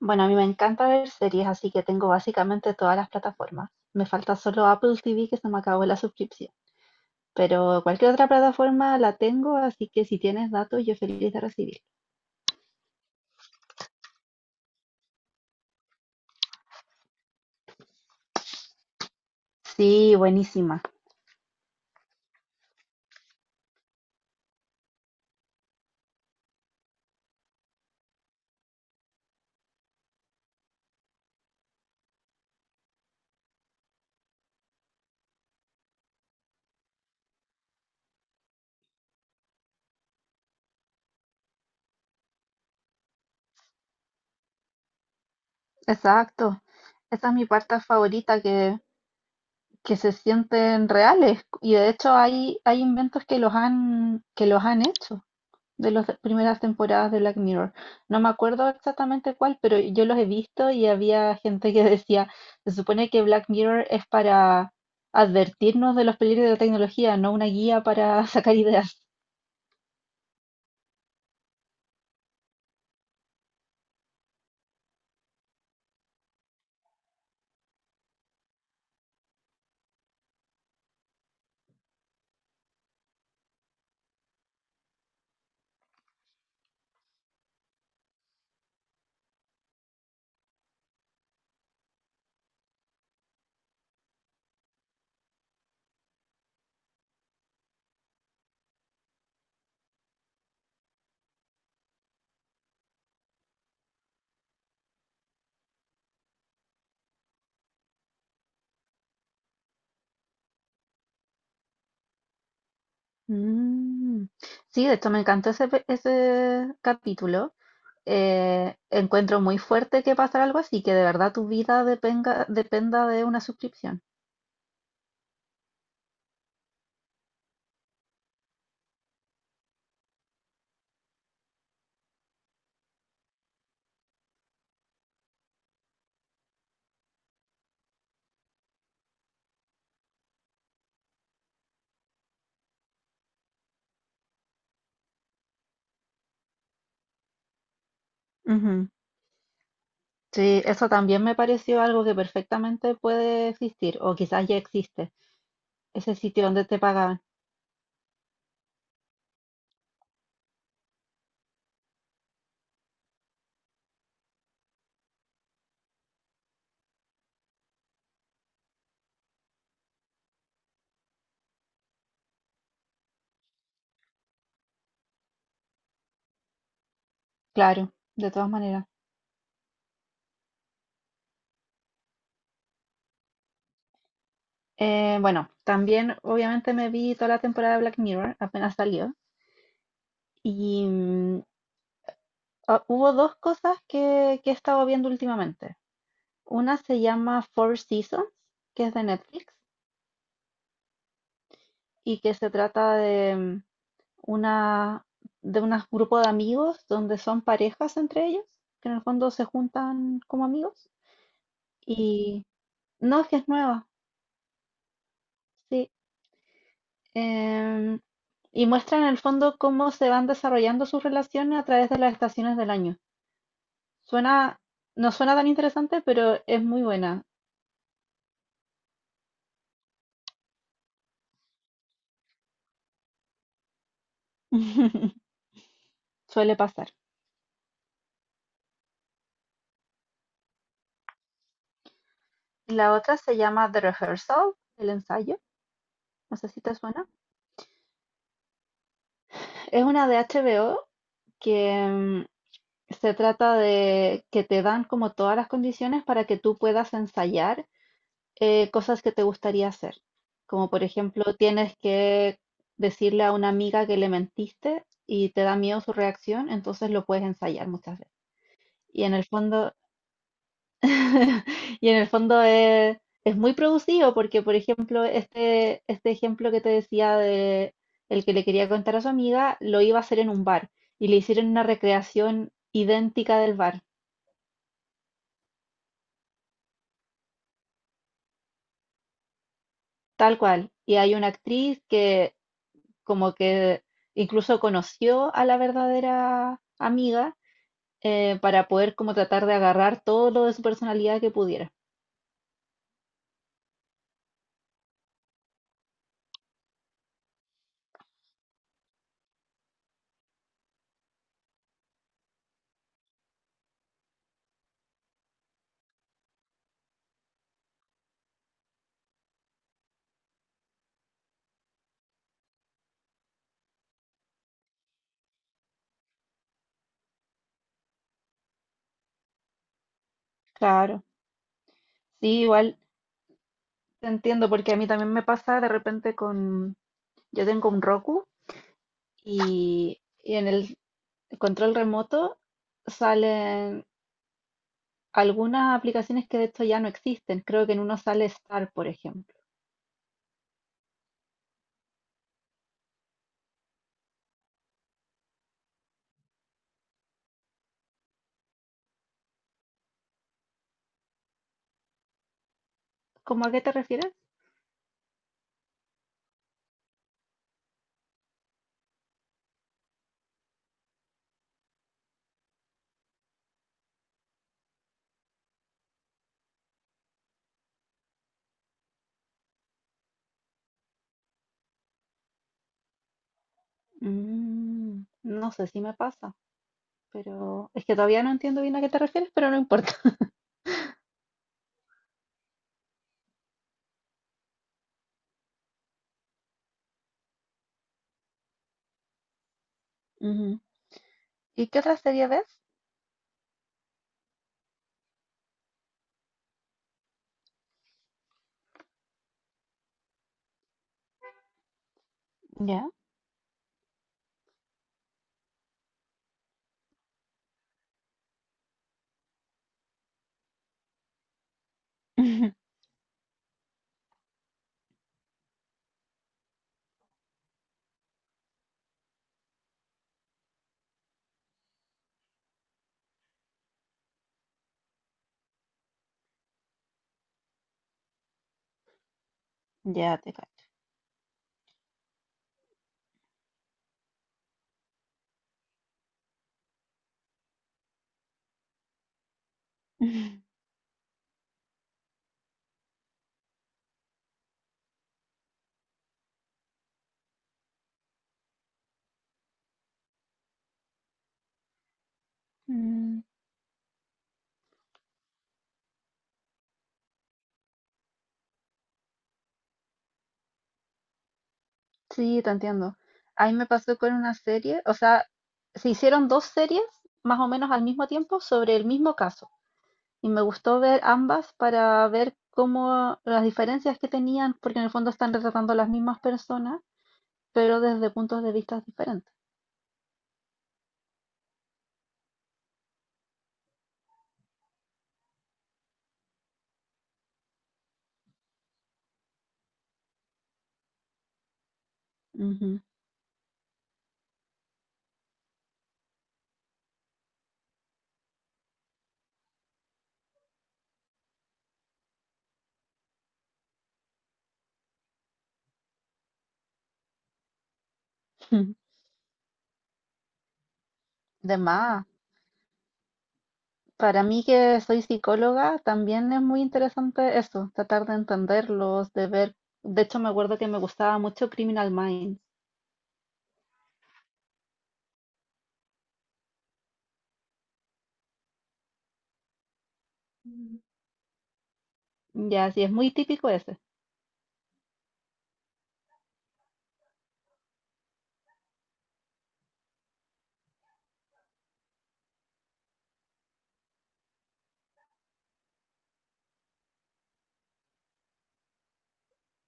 Bueno, a mí me encanta ver series, así que tengo básicamente todas las plataformas. Me falta solo Apple TV que se me acabó la suscripción, pero cualquier otra plataforma la tengo, así que si tienes datos, yo feliz de recibir. Sí, buenísima. Exacto. Esa es mi parte favorita, que se sienten reales. Y de hecho hay inventos que que los han hecho de las primeras temporadas de Black Mirror. No me acuerdo exactamente cuál, pero yo los he visto y había gente que decía, se supone que Black Mirror es para advertirnos de los peligros de la tecnología, no una guía para sacar ideas. Mm. Sí, de hecho me encantó ese capítulo. Encuentro muy fuerte que pasara algo así, que de verdad tu dependa de una suscripción. Ujú. Sí, eso también me pareció algo que perfectamente puede existir, o quizás ya existe. Ese sitio donde te pagaban. Claro, de todas maneras. Bueno, también obviamente me vi toda la temporada de Black Mirror, apenas salió. Y mm, Hubo dos que he estado viendo últimamente. Una se llama Four Seasons, que es de Netflix, y que se trata de una, de un grupo de amigos donde son parejas entre ellos, que en el fondo se juntan como amigos. Y no, es que es nueva. Sí. Em, y muestra en el fondo cómo se van desarrollando sus relaciones a través de las estaciones del año. Suena, no suena tan interesante, pero es muy buena. Suele pasar. La otra se llama The Rehearsal, el ensayo. No sé si te suena. Es una de HBO que se trata de que te dan como todas las condiciones para que tú puedas ensayar cosas que te gustaría hacer. Como por ejemplo, tienes que decirle a una amiga que le mentiste y te da miedo su reacción, entonces lo puedes ensayar muchas veces. Y en el fondo, y en el fondo es muy producido porque, por ejemplo, este ejemplo que te decía de el que le quería contar a su amiga, lo iba a hacer en un bar y le hicieron una recreación idéntica del bar, tal cual. Y hay una actriz que como que incluso conoció a la verdadera amiga, para poder como tratar de agarrar todo lo de su personalidad que pudiera. Claro, sí, igual te entiendo porque a mí también me pasa de repente yo tengo un Roku y en el control remoto salen algunas aplicaciones que de hecho ya no existen. Creo que en uno sale Star, por ejemplo. ¿Cómo a qué te refieres? Mm, no sé si me pasa. Pero es que todavía no entiendo bien a qué te refieres, pero no importa. Ujú. ¿Y qué otra serie ves? Ya, ya te cacho. Mm. Sí, te entiendo. A mí me pasó con una serie, o sea, se hicieron dos series más o menos al mismo tiempo sobre el mismo caso. Y me gustó ver ambas para ver cómo las diferencias que tenían, porque en el fondo están retratando a las mismas personas, pero desde puntos de vista diferentes. Ujú. De más. Para mí que soy psicóloga, también es muy interesante eso, tratar de entenderlos, de ver. De hecho, me acuerdo que me gustaba mucho Criminal Minds. Mm. Ya, sí, es muy típico ese.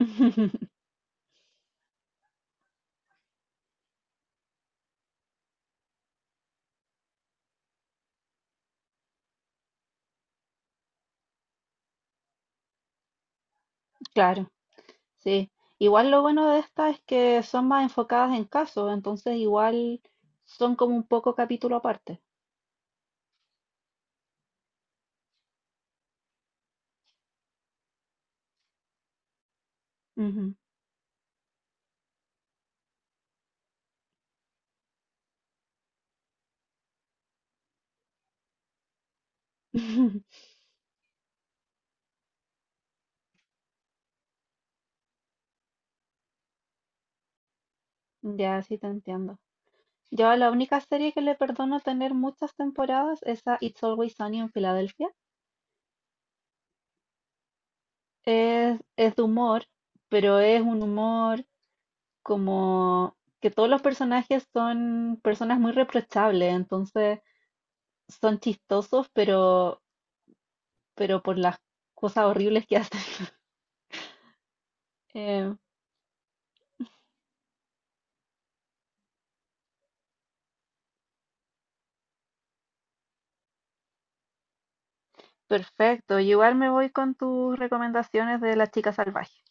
Claro, sí. Igual lo bueno de estas es que son más enfocadas en casos, entonces igual son como un poco capítulo aparte. Ujú. Ya, sí te entiendo. Yo a la única serie que le perdono tener muchas temporadas es a It's Always Sunny en Filadelfia. Es de humor, pero es un humor como que todos los personajes son personas muy reprochables, entonces son chistosos, pero por las cosas horribles que hacen. Eh, Perfecto, yo igual me voy con tus recomendaciones de La Chica Salvaje.